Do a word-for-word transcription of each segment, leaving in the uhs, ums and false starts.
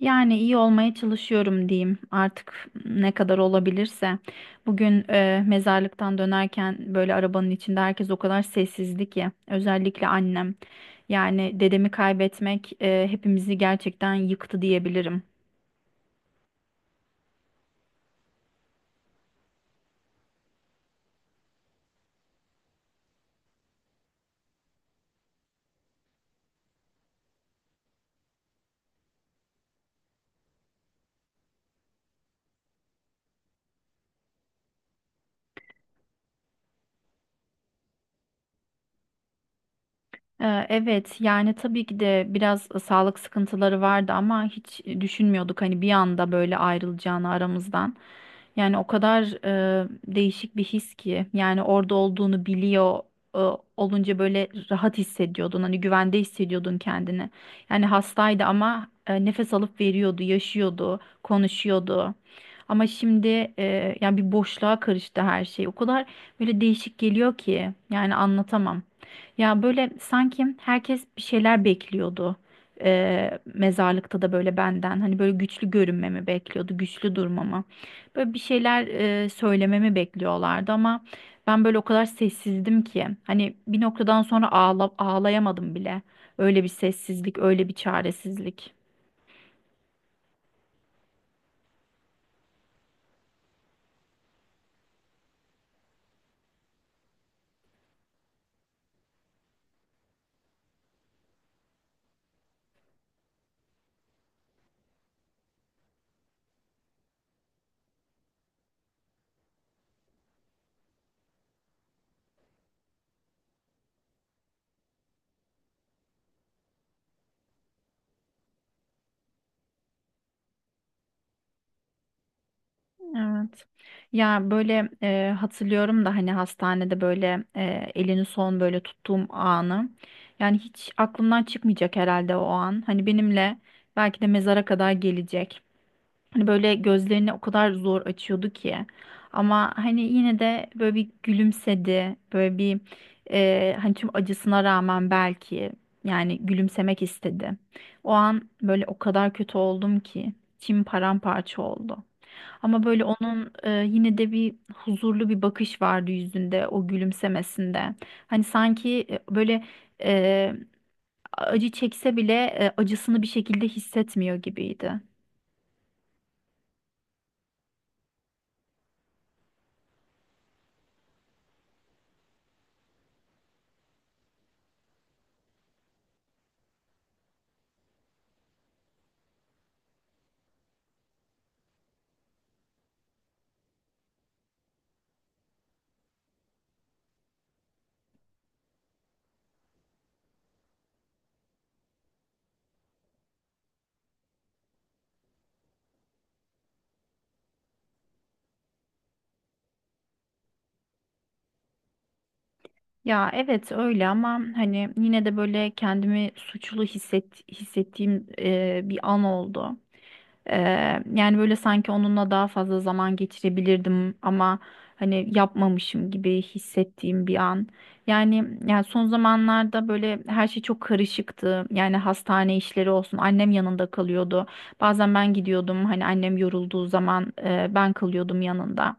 Yani iyi olmaya çalışıyorum diyeyim artık ne kadar olabilirse. Bugün e, mezarlıktan dönerken böyle arabanın içinde herkes o kadar sessizdi ki, özellikle annem. Yani dedemi kaybetmek e, hepimizi gerçekten yıktı diyebilirim. Ee, Evet, yani tabii ki de biraz e, sağlık sıkıntıları vardı ama hiç e, düşünmüyorduk hani bir anda böyle ayrılacağını aramızdan. Yani o kadar e, değişik bir his ki, yani orada olduğunu biliyor e, olunca böyle rahat hissediyordun, hani güvende hissediyordun kendini. Yani hastaydı ama e, nefes alıp veriyordu, yaşıyordu, konuşuyordu. Ama şimdi e, yani bir boşluğa karıştı her şey. O kadar böyle değişik geliyor ki, yani anlatamam. Ya böyle sanki herkes bir şeyler bekliyordu. Ee, mezarlıkta da böyle benden hani böyle güçlü görünmemi bekliyordu, güçlü durmamı. Böyle bir şeyler e, söylememi bekliyorlardı ama ben böyle o kadar sessizdim ki hani bir noktadan sonra ağla, ağlayamadım bile. Öyle bir sessizlik, öyle bir çaresizlik. Evet. Ya böyle e, hatırlıyorum da hani hastanede böyle e, elini son böyle tuttuğum anı. Yani hiç aklımdan çıkmayacak herhalde o an. Hani benimle belki de mezara kadar gelecek. Hani böyle gözlerini o kadar zor açıyordu ki. Ama hani yine de böyle bir gülümsedi. Böyle bir e, hani tüm acısına rağmen belki yani gülümsemek istedi. O an böyle o kadar kötü oldum ki. İçim paramparça oldu. Ama böyle onun e, yine de bir huzurlu bir bakış vardı yüzünde, o gülümsemesinde. Hani sanki e, böyle e, acı çekse bile e, acısını bir şekilde hissetmiyor gibiydi. Ya evet öyle ama hani yine de böyle kendimi suçlu hisset, hissettiğim e, bir an oldu. Eee, yani böyle sanki onunla daha fazla zaman geçirebilirdim ama hani yapmamışım gibi hissettiğim bir an. Yani yani son zamanlarda böyle her şey çok karışıktı. Yani hastane işleri olsun. Annem yanında kalıyordu. Bazen ben gidiyordum. Hani annem yorulduğu zaman eee, ben kalıyordum yanında.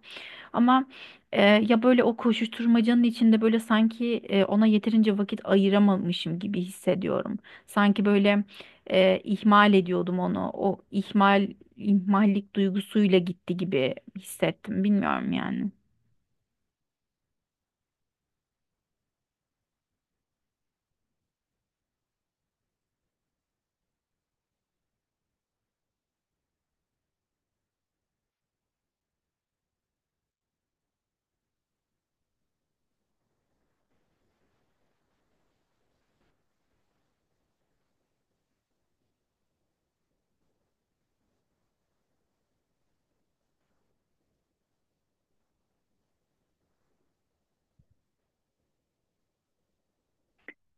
Ama e, ya böyle o koşuşturmacanın içinde böyle sanki e, ona yeterince vakit ayıramamışım gibi hissediyorum. Sanki böyle e, ihmal ediyordum onu. O ihmal ihmallik duygusuyla gitti gibi hissettim. Bilmiyorum yani.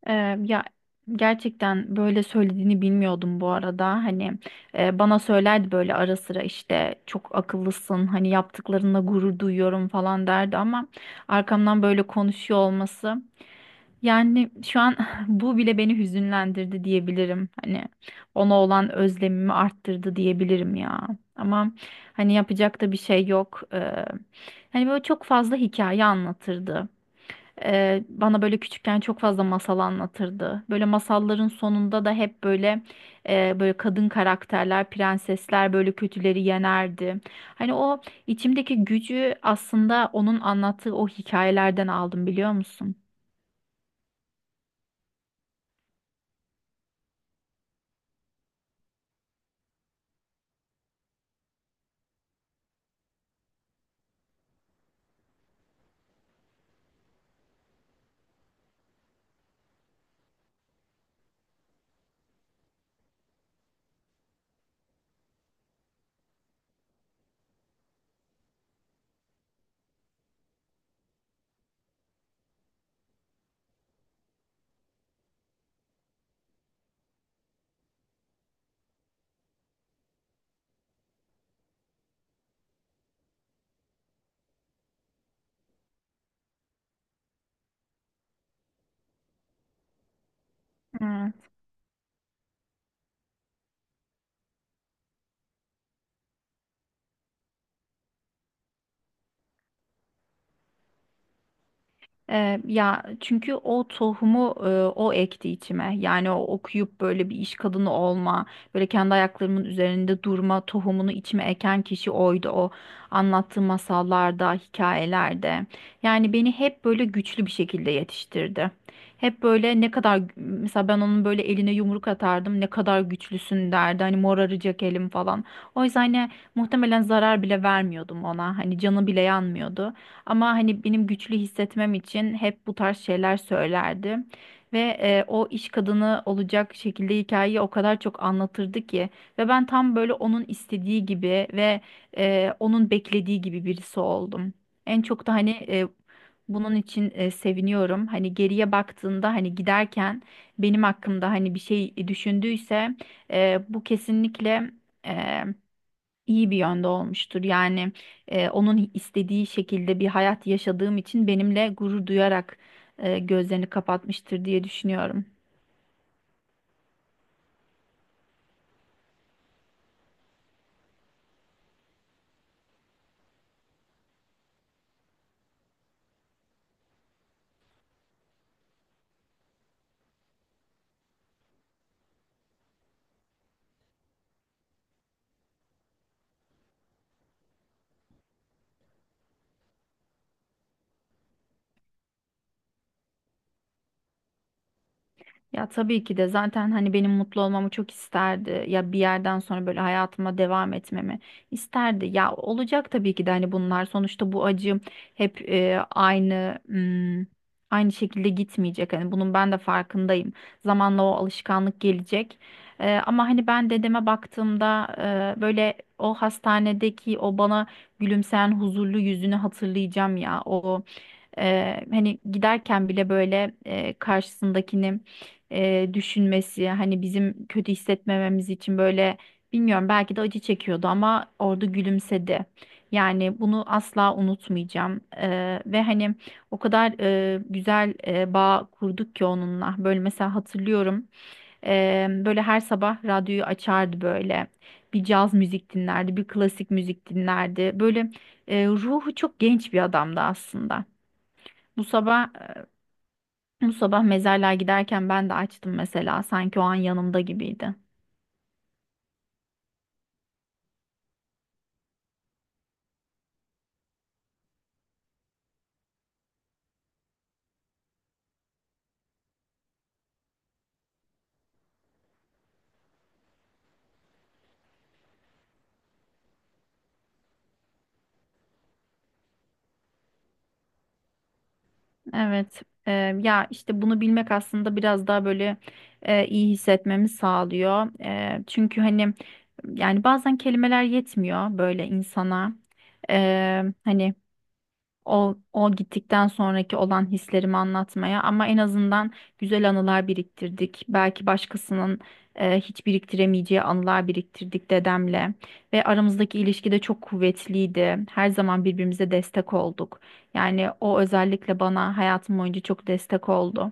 E, Ya gerçekten böyle söylediğini bilmiyordum bu arada. Hani e, bana söylerdi böyle ara sıra işte çok akıllısın. Hani yaptıklarına gurur duyuyorum falan derdi ama arkamdan böyle konuşuyor olması. Yani şu an bu bile beni hüzünlendirdi diyebilirim. Hani ona olan özlemimi arttırdı diyebilirim ya. Ama hani yapacak da bir şey yok. Ee, hani böyle çok fazla hikaye anlatırdı. Ee, bana böyle küçükken çok fazla masal anlatırdı. Böyle masalların sonunda da hep böyle e, böyle kadın karakterler, prensesler böyle kötüleri yenerdi. Hani o içimdeki gücü aslında onun anlattığı o hikayelerden aldım, biliyor musun? Ee, ya çünkü o tohumu e, o ekti içime. Yani o okuyup böyle bir iş kadını olma, böyle kendi ayaklarımın üzerinde durma tohumunu içime eken kişi oydu o. Anlattığı masallarda, hikayelerde. Yani beni hep böyle güçlü bir şekilde yetiştirdi. Hep böyle ne kadar mesela ben onun böyle eline yumruk atardım. Ne kadar güçlüsün derdi. Hani moraracak elim falan. O yüzden hani muhtemelen zarar bile vermiyordum ona. Hani canı bile yanmıyordu. Ama hani benim güçlü hissetmem için hep bu tarz şeyler söylerdi. Ve e, o iş kadını olacak şekilde hikayeyi o kadar çok anlatırdı ki. Ve ben tam böyle onun istediği gibi ve e, onun beklediği gibi birisi oldum. En çok da hani e, bunun için e, seviniyorum. Hani geriye baktığında, hani giderken benim hakkımda hani bir şey düşündüyse e, bu kesinlikle e, iyi bir yönde olmuştur. Yani e, onun istediği şekilde bir hayat yaşadığım için benimle gurur duyarak e, gözlerini kapatmıştır diye düşünüyorum. Ya tabii ki de zaten hani benim mutlu olmamı çok isterdi. Ya bir yerden sonra böyle hayatıma devam etmemi isterdi. Ya olacak tabii ki de, hani bunlar sonuçta bu acım hep e, aynı mm, aynı şekilde gitmeyecek. Hani bunun ben de farkındayım. Zamanla o alışkanlık gelecek. E, ama hani ben dedeme baktığımda e, böyle o hastanedeki o bana gülümseyen huzurlu yüzünü hatırlayacağım ya. O Eee, hani giderken bile böyle eee, karşısındakini eee, düşünmesi, hani bizim kötü hissetmememiz için böyle, bilmiyorum, belki de acı çekiyordu ama orada gülümsedi. Yani bunu asla unutmayacağım. Eee, ve hani o kadar eee, güzel eee, bağ kurduk ki onunla. Böyle mesela hatırlıyorum, eee, böyle her sabah radyoyu açardı böyle. Bir caz müzik dinlerdi, bir klasik müzik dinlerdi. Böyle eee, ruhu çok genç bir adamdı aslında. Bu sabah Bu sabah mezarlığa giderken ben de açtım mesela. Sanki o an yanımda gibiydi. Evet. E, ya işte bunu bilmek aslında biraz daha böyle e, iyi hissetmemi sağlıyor. E, çünkü hani yani bazen kelimeler yetmiyor böyle insana. E, hani O, o gittikten sonraki olan hislerimi anlatmaya, ama en azından güzel anılar biriktirdik. Belki başkasının e, hiç biriktiremeyeceği anılar biriktirdik dedemle ve aramızdaki ilişki de çok kuvvetliydi. Her zaman birbirimize destek olduk. Yani o özellikle bana hayatım boyunca çok destek oldu.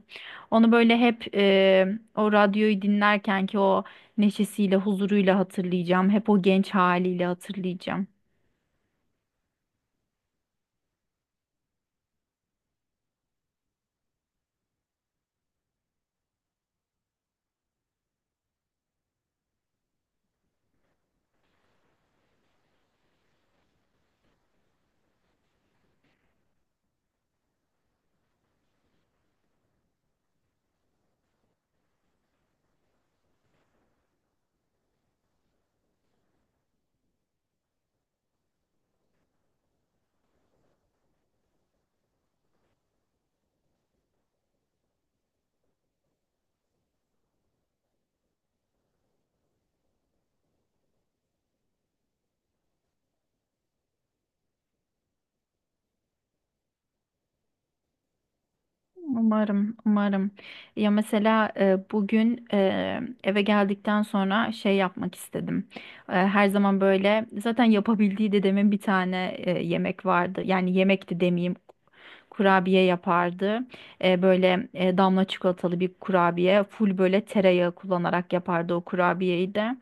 Onu böyle hep e, o radyoyu dinlerken ki o neşesiyle, huzuruyla hatırlayacağım. Hep o genç haliyle hatırlayacağım. Umarım, umarım. Ya mesela e, bugün e, eve geldikten sonra şey yapmak istedim. E, her zaman böyle zaten yapabildiği dedemin bir tane e, yemek vardı. Yani yemekti demeyeyim. Kurabiye yapardı. E, böyle e, damla çikolatalı bir kurabiye. Full böyle tereyağı kullanarak yapardı o kurabiyeyi de.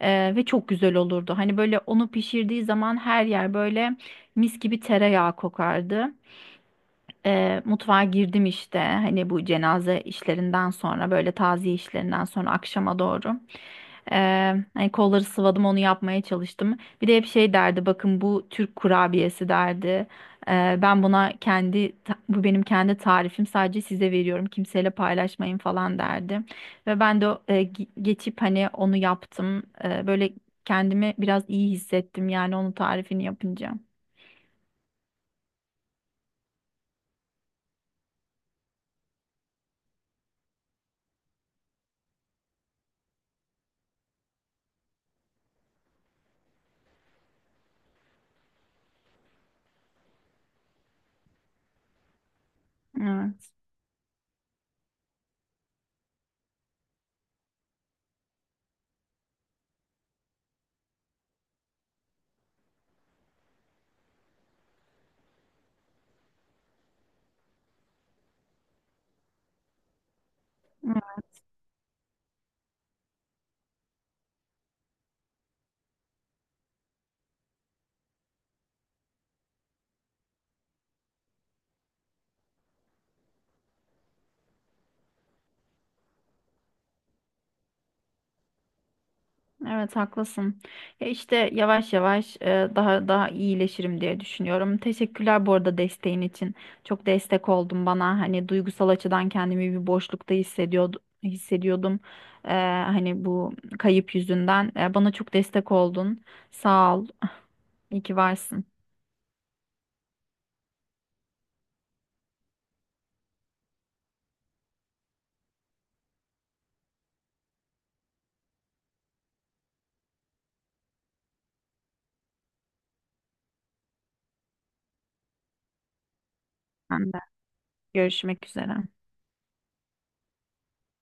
E, ve çok güzel olurdu. Hani böyle onu pişirdiği zaman her yer böyle mis gibi tereyağı kokardı. E, mutfağa girdim işte hani bu cenaze işlerinden sonra böyle taziye işlerinden sonra akşama doğru. E, Hani kolları sıvadım, onu yapmaya çalıştım. Bir de hep şey derdi, bakın bu Türk kurabiyesi derdi. E, ben buna kendi ta- bu benim kendi tarifim, sadece size veriyorum, kimseyle paylaşmayın falan derdi. Ve ben de e, ge- geçip hani onu yaptım. E, böyle kendimi biraz iyi hissettim yani onun tarifini yapınca. Evet. Evet, haklısın. Ya işte yavaş yavaş e, daha daha iyileşirim diye düşünüyorum. Teşekkürler bu arada desteğin için. Çok destek oldun bana. Hani duygusal açıdan kendimi bir boşlukta hissediyordum hissediyordum. E, Hani bu kayıp yüzünden. E, bana çok destek oldun. Sağ ol. İyi ki varsın. Ben de. Görüşmek üzere.